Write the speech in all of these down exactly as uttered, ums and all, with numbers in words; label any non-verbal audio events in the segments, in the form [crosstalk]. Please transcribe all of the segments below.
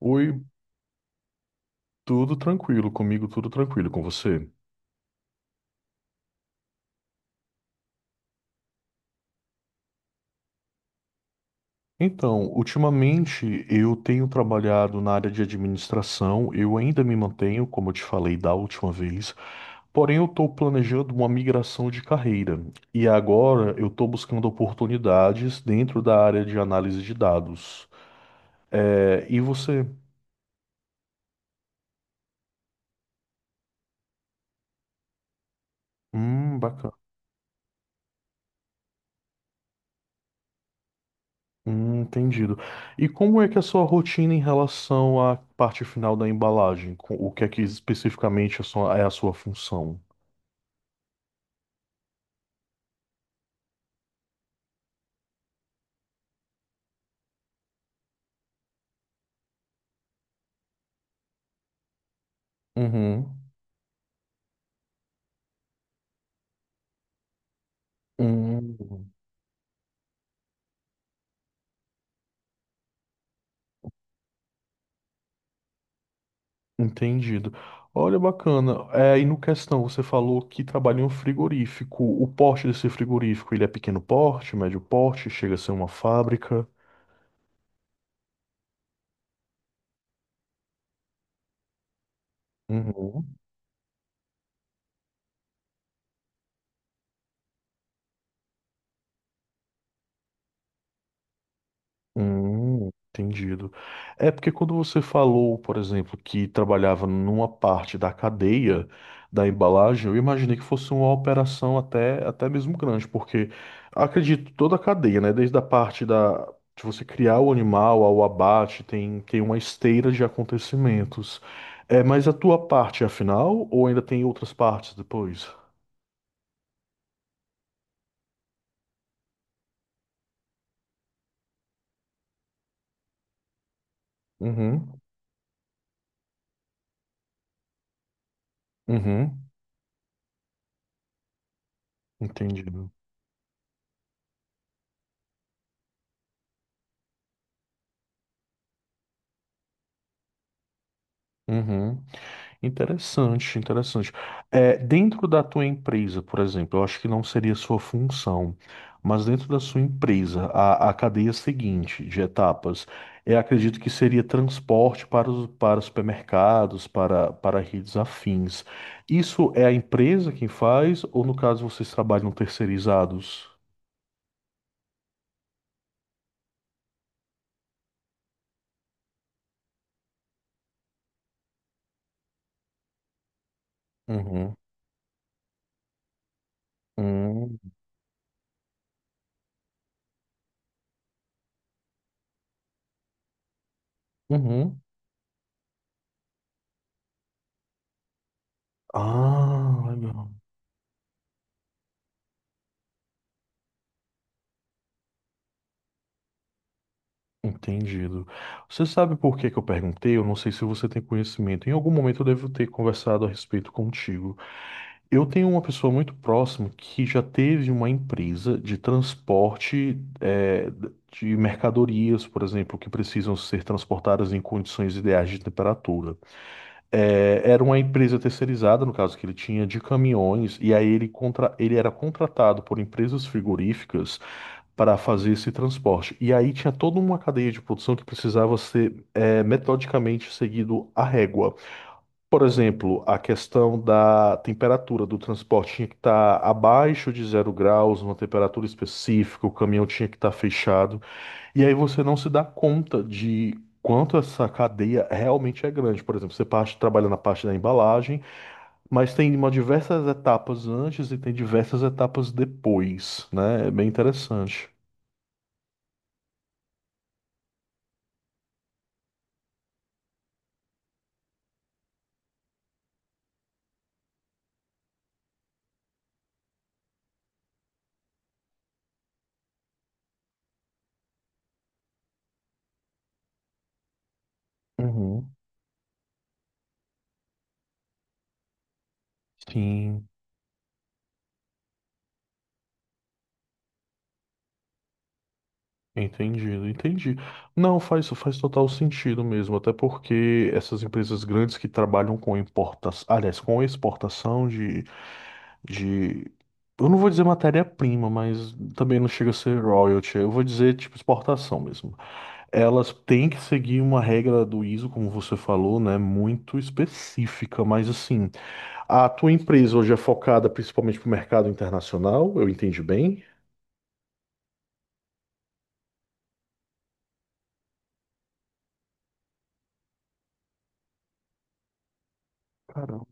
Oi, tudo tranquilo, comigo tudo tranquilo, com você? Então, ultimamente eu tenho trabalhado na área de administração, eu ainda me mantenho, como eu te falei da última vez, porém eu estou planejando uma migração de carreira e agora eu estou buscando oportunidades dentro da área de análise de dados. É, e você? Hum, bacana. Hum, entendido. E como é que é a sua rotina em relação à parte final da embalagem? Com- O que é que especificamente é a sua é a sua função? Uhum. Hum, entendido. Olha, bacana. É, e no questão, você falou que trabalha em um frigorífico. O porte desse frigorífico, ele é pequeno porte, médio porte, chega a ser uma fábrica? Uhum. Hum, entendido. É porque quando você falou, por exemplo, que trabalhava numa parte da cadeia da embalagem, eu imaginei que fosse uma operação até, até mesmo grande, porque acredito, toda a cadeia, né, desde a parte da, de você criar o animal ao abate, tem, tem uma esteira de acontecimentos. É, mas a tua parte é a final ou ainda tem outras partes depois? Uhum, uhum, entendido. Uhum. Interessante, interessante. É, dentro da tua empresa, por exemplo, eu acho que não seria sua função, mas dentro da sua empresa, a, a cadeia seguinte de etapas, eu acredito que seria transporte para os, para supermercados, para, para redes afins. Isso é a empresa quem faz, ou no caso vocês trabalham terceirizados? Uhum. Uhum. Uhum. Ah, legal. Entendido. Você sabe por que que eu perguntei? Eu não sei se você tem conhecimento. Em algum momento eu devo ter conversado a respeito contigo. Eu tenho uma pessoa muito próxima que já teve uma empresa de transporte, eh, de mercadorias, por exemplo, que precisam ser transportadas em condições ideais de temperatura. Eh, era uma empresa terceirizada, no caso que ele tinha, de caminhões, e aí ele, contra... ele era contratado por empresas frigoríficas para fazer esse transporte. E aí tinha toda uma cadeia de produção que precisava ser eh, metodicamente seguido à régua. Por exemplo, a questão da temperatura do transporte tinha que estar abaixo de zero graus, uma temperatura específica, o caminhão tinha que estar fechado. E aí você não se dá conta de quanto essa cadeia realmente é grande. Por exemplo, você parte, trabalha na parte da embalagem, mas tem uma diversas etapas antes e tem diversas etapas depois, né? É bem interessante. Uhum. Sim, entendido, entendi. Não, faz, faz total sentido mesmo, até porque essas empresas grandes que trabalham com importação, aliás, com exportação de, de, eu não vou dizer matéria-prima, mas também não chega a ser royalty, eu vou dizer tipo exportação mesmo. Elas têm que seguir uma regra do ISO, como você falou, né, muito específica, mas assim, a tua empresa hoje é focada principalmente para o mercado internacional, eu entendi bem? Caramba,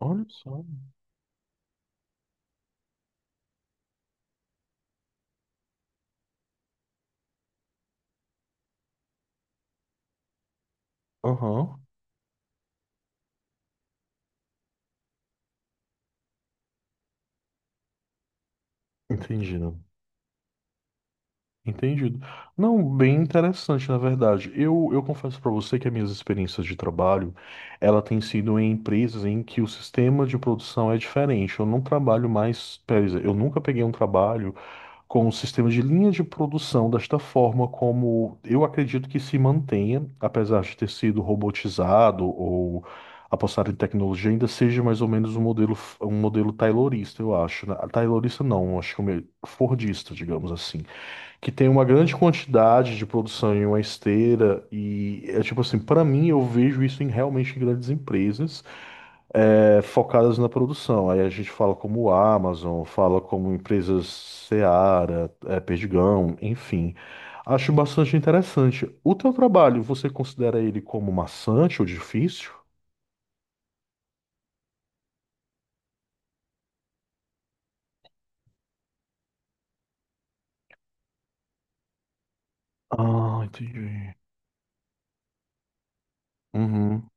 olha só. Aham, entendido. Entendido. Não, bem interessante, na verdade. Eu, eu confesso para você que as minhas experiências de trabalho, ela tem sido em empresas em que o sistema de produção é diferente. Eu não trabalho mais, quer dizer, eu nunca peguei um trabalho com o sistema de linha de produção desta forma, como eu acredito que se mantenha, apesar de ter sido robotizado ou apostar em tecnologia, ainda seja mais ou menos um modelo, um modelo taylorista, eu acho. Né? Taylorista não, acho que é um me- fordista, digamos assim, que tem uma grande quantidade de produção em uma esteira e é tipo assim, para mim eu vejo isso em realmente em grandes empresas é, focadas na produção. Aí a gente fala como Amazon, fala como empresas Seara, é, Perdigão, enfim. Acho bastante interessante. O teu trabalho, você considera ele como maçante ou difícil? Ah, entendi. Uhum.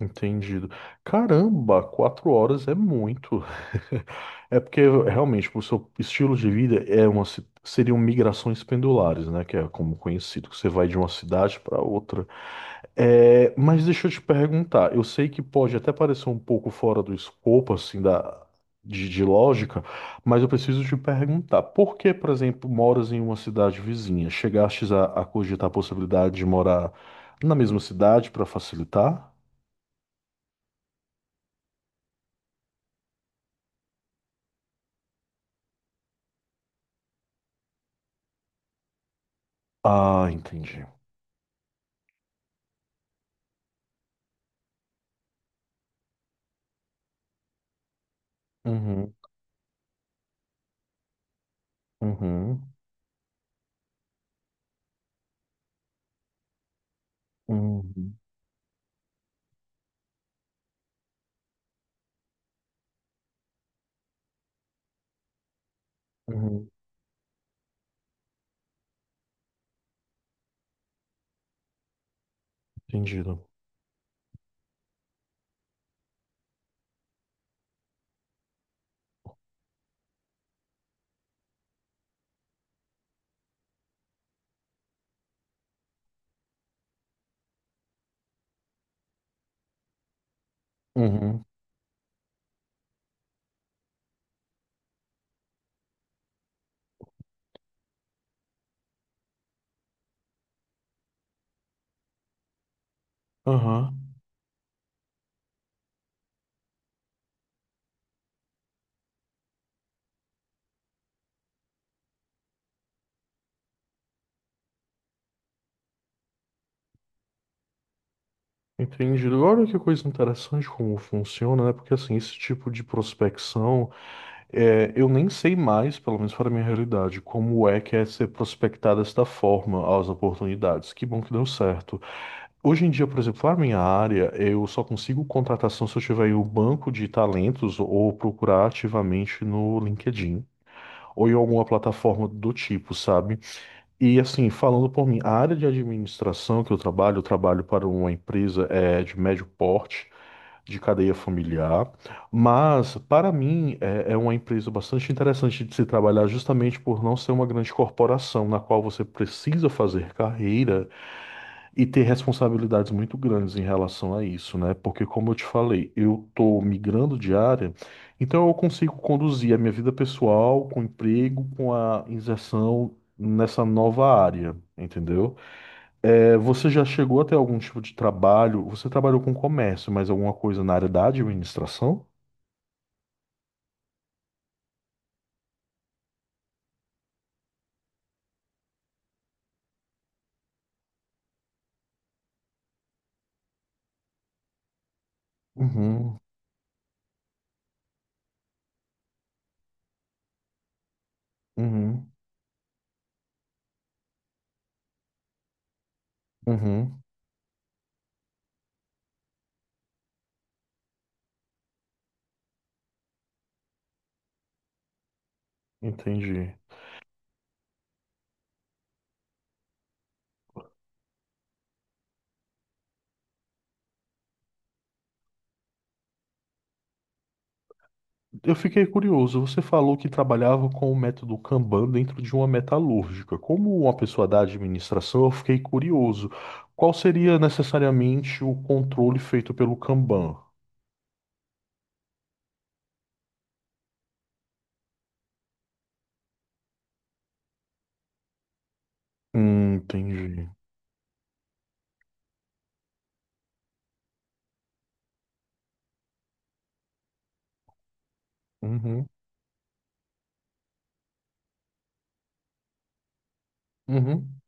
Entendido. Caramba, quatro horas é muito. [laughs] É porque realmente o seu estilo de vida é uma, ci- seriam migrações pendulares, né? Que é como conhecido, que você vai de uma cidade para outra. É, mas deixa eu te perguntar, eu sei que pode até parecer um pouco fora do escopo, assim, da, de, de lógica, mas eu preciso te perguntar, por que, por exemplo, moras em uma cidade vizinha? Chegastes a, a cogitar a possibilidade de morar na mesma cidade para facilitar? Ah, entendi. Uhum, uhum, uhum, uhum. Entendido. Uhum, aham, entendido. Olha que coisa interessante como funciona, né? Porque assim, esse tipo de prospecção, é, eu nem sei mais, pelo menos para a minha realidade, como é que é ser prospectada desta forma as oportunidades. Que bom que deu certo. Hoje em dia, por exemplo, na minha área, eu só consigo contratação se eu tiver em um banco de talentos ou procurar ativamente no LinkedIn. Ou em alguma plataforma do tipo, sabe? E assim, falando por mim, a área de administração que eu trabalho, eu trabalho para uma empresa é, de médio porte, de cadeia familiar, mas para mim é, é uma empresa bastante interessante de se trabalhar justamente por não ser uma grande corporação na qual você precisa fazer carreira e ter responsabilidades muito grandes em relação a isso, né? Porque, como eu te falei, eu tô migrando de área, então eu consigo conduzir a minha vida pessoal com o emprego, com a inserção nessa nova área, entendeu? É, você já chegou a ter algum tipo de trabalho? Você trabalhou com comércio, mas alguma coisa na área da administração? Uhum, uhum, uhum. Entendi. Eu fiquei curioso. Você falou que trabalhava com o método Kanban dentro de uma metalúrgica. Como uma pessoa da administração, eu fiquei curioso. Qual seria necessariamente o controle feito pelo Kanban? Hum, entendi. Uhum, uhum,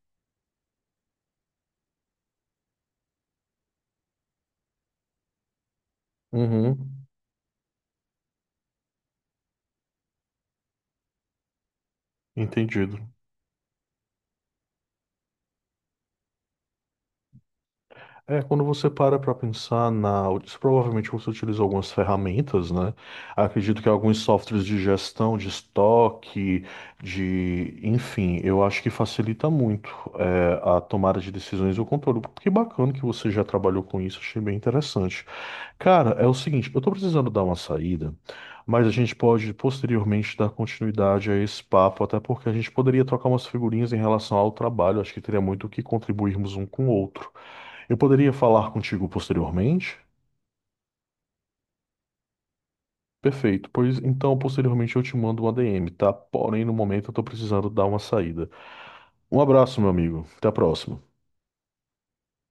uhum. Entendido. É, quando você para para pensar na. Isso provavelmente você utiliza algumas ferramentas, né? Acredito que alguns softwares de gestão, de estoque, de. Enfim, eu acho que facilita muito é, a tomada de decisões e o controle. Que bacana que você já trabalhou com isso, achei bem interessante. Cara, é o seguinte, eu tô precisando dar uma saída, mas a gente pode posteriormente dar continuidade a esse papo, até porque a gente poderia trocar umas figurinhas em relação ao trabalho, acho que teria muito o que contribuirmos um com o outro. Eu poderia falar contigo posteriormente? Perfeito, pois então posteriormente eu te mando uma D M, tá? Porém, no momento eu tô precisando dar uma saída. Um abraço, meu amigo. Até a próxima.